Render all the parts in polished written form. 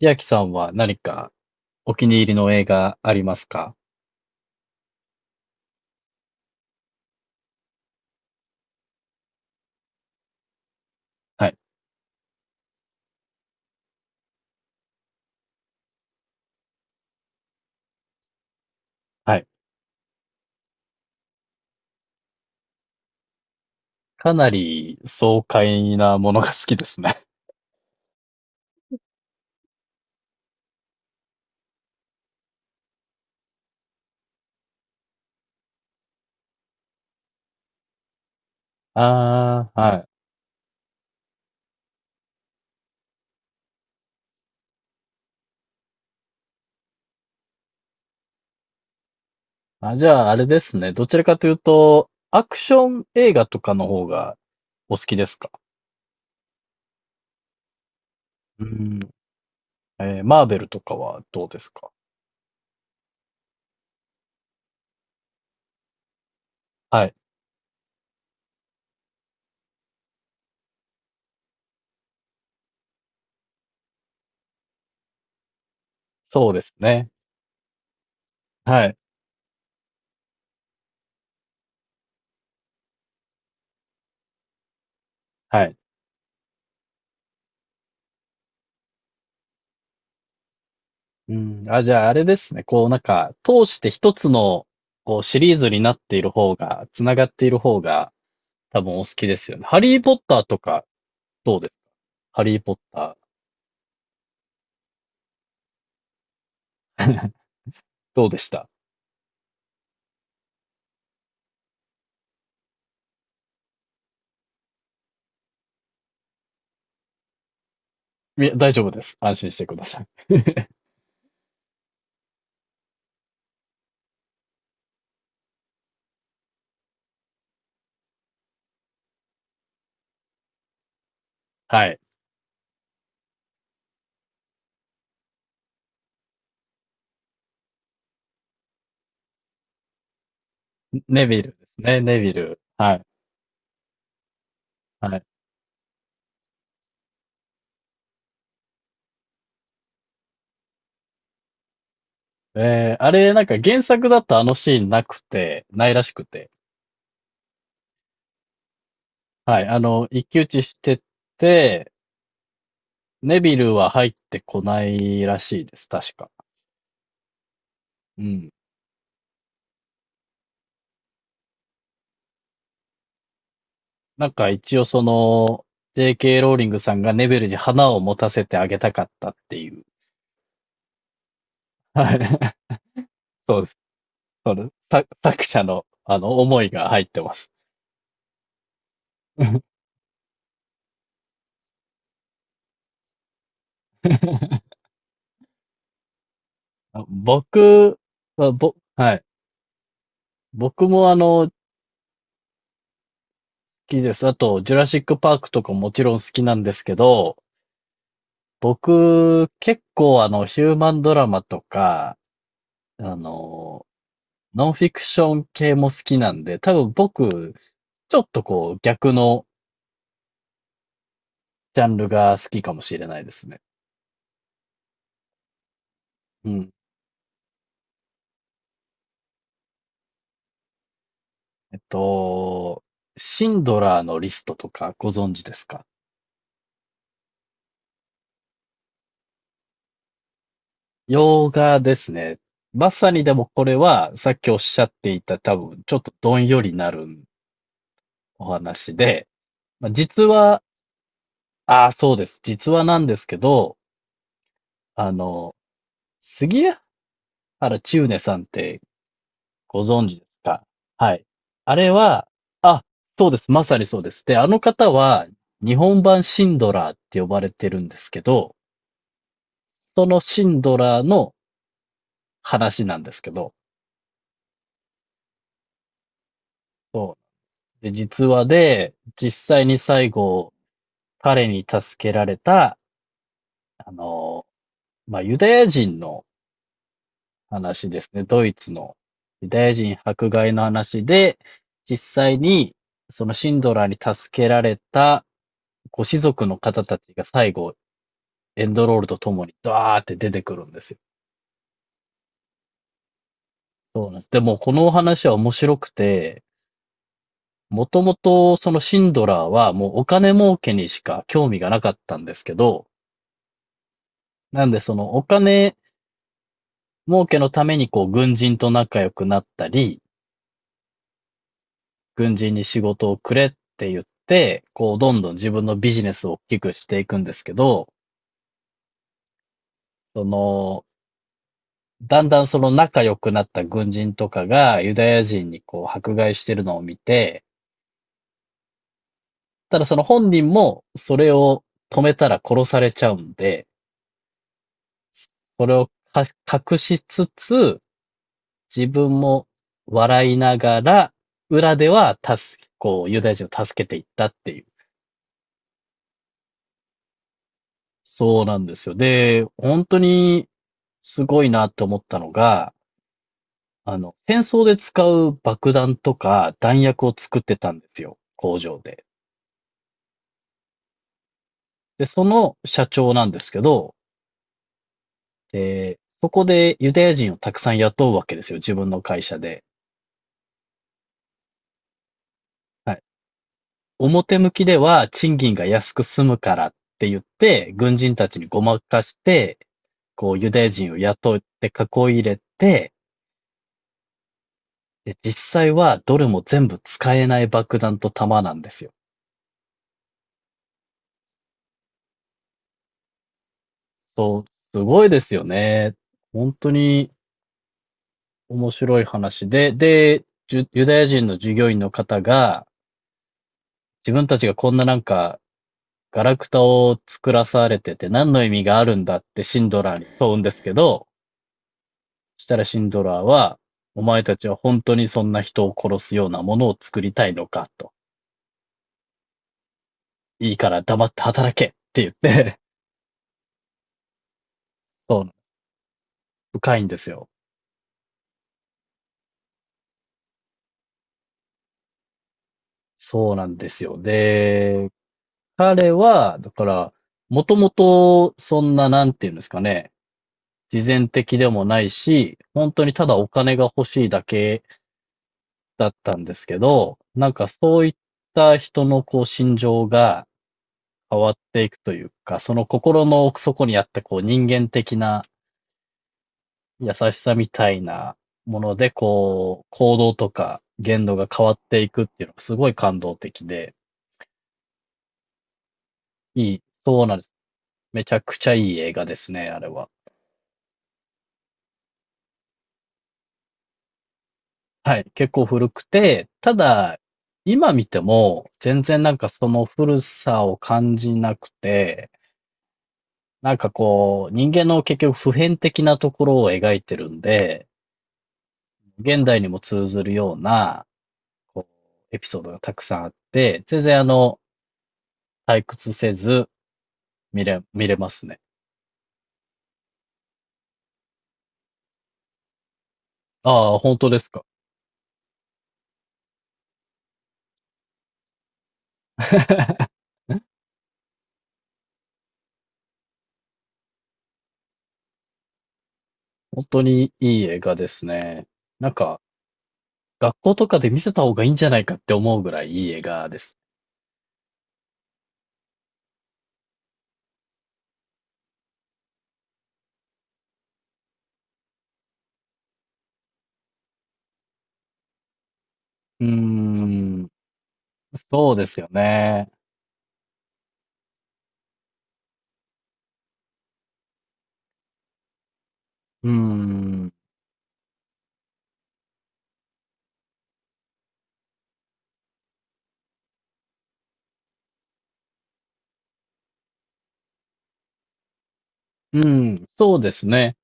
千秋さんは何かお気に入りの映画ありますか？はい。はい。かなり爽快なものが好きですね。ああ、はい。あ、じゃあ、あれですね。どちらかというと、アクション映画とかの方がお好きですか？うん。えーマーベルとかはどうですか？はい。そうですね。はい。はい。うん。あ、じゃあ、あれですね。こう、なんか、通して一つの、こう、シリーズになっている方が、つながっている方が、多分お好きですよね。ハリー・ポッターとかどうですか？ハリーポッター。どうでした？いや、大丈夫です。安心してください。はい。ネビルですね。ネビル。はい。はい。えー、あれ、なんか原作だとあのシーンなくて、ないらしくて。はい。あの、一騎打ちしてて、ネビルは入ってこないらしいです。確か。うん。なんか一応その、JK ローリングさんがネビルに花を持たせてあげたかったっていう。はい。そうです。その、作者の、あの、思いが入ってます。あ僕は、ぼ、はい。僕もあの、好きです。あと、ジュラシックパークとかもちろん好きなんですけど、僕、結構あの、ヒューマンドラマとか、あの、ノンフィクション系も好きなんで、多分僕、ちょっとこう、逆のジャンルが好きかもしれないですね。うん。えっと、シンドラーのリストとかご存知ですか？洋画ですね。まさにでもこれは、さっきおっしゃっていた多分、ちょっとどんよりなるお話で、まあ、実は、ああ、そうです。実はなんですけど、あの、杉原千畝さんってご存知ですか？はい。あれは、あ、そうです。まさにそうです。で、あの方は、日本版シンドラーって呼ばれてるんですけど、そのシンドラーの話なんですけど、そう。で、実話で、実際に最後、彼に助けられた、あの、まあ、ユダヤ人の話ですね。ドイツのユダヤ人迫害の話で、実際にそのシンドラーに助けられたご子族の方たちが最後、エンドロールとともにドワーって出てくるんですよ。そうなんです。でも、このお話は面白くて、もともとそのシンドラーはもうお金儲けにしか興味がなかったんですけど、なんでそのお金儲けのためにこう軍人と仲良くなったり、軍人に仕事をくれって言って、こう、どんどん自分のビジネスを大きくしていくんですけど、その、だんだんその仲良くなった軍人とかがユダヤ人にこう迫害してるのを見て、ただその本人もそれを止めたら殺されちゃうんで、それを隠しつつ、自分も笑いながら、裏では助け、こう、ユダヤ人を助けていったっていう。そうなんですよ。で、本当にすごいなって思ったのが、あの、戦争で使う爆弾とか弾薬を作ってたんですよ、工場で。で、その社長なんですけど、で、そこでユダヤ人をたくさん雇うわけですよ、自分の会社で。はい。表向きでは賃金が安く済むからって言って、軍人たちにごまかして、こう、ユダヤ人を雇って囲い入れて、で、実際はどれも全部使えない爆弾と弾なんですよ。そう、すごいですよね。本当に面白い話で、で、ユダヤ人の従業員の方が、自分たちがこんななんか、ガラクタを作らされてて何の意味があるんだってシンドラーに問うんですけど、そしたらシンドラーは、お前たちは本当にそんな人を殺すようなものを作りたいのかと。いいから黙って働けって言って、そう、深いんですよ。そうなんですよ。で、彼は、だから、もともと、そんな、なんていうんですかね、慈善的でもないし、本当にただお金が欲しいだけだったんですけど、なんかそういった人のこう心情が変わっていくというか、その心の奥底にあったこう人間的な優しさみたいなもので、こう、行動とか言動が変わっていくっていうのがすごい感動的で、いい、そうなんです。めちゃくちゃいい映画ですね、あれは。はい、結構古くて、ただ、今見ても、全然なんかその古さを感じなくて、なんかこう、人間の結局普遍的なところを描いてるんで、現代にも通ずるようなエピソードがたくさんあって、全然あの、退屈せず見れますね。ああ、本当ですか。本当にいい映画ですね。なんか、学校とかで見せた方がいいんじゃないかって思うぐらいいい映画です。うーん。そうですよね。うーん。うん、そうですね。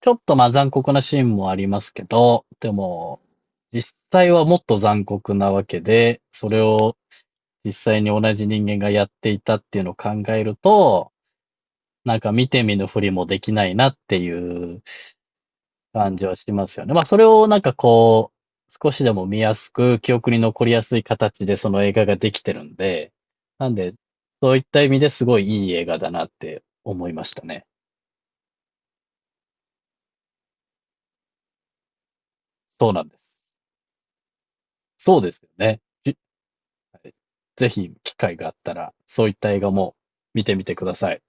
ちょっとまあ残酷なシーンもありますけど、でも、実際はもっと残酷なわけで、それを実際に同じ人間がやっていたっていうのを考えると、なんか見て見ぬふりもできないなっていう感じはしますよね。まあ、それをなんかこう、少しでも見やすく、記憶に残りやすい形でその映画ができてるんで、なんで、そういった意味ですごいいい映画だなって思いましたね。そうなんです。そうですよね。ぜひ機会があったら、そういった映画も見てみてください。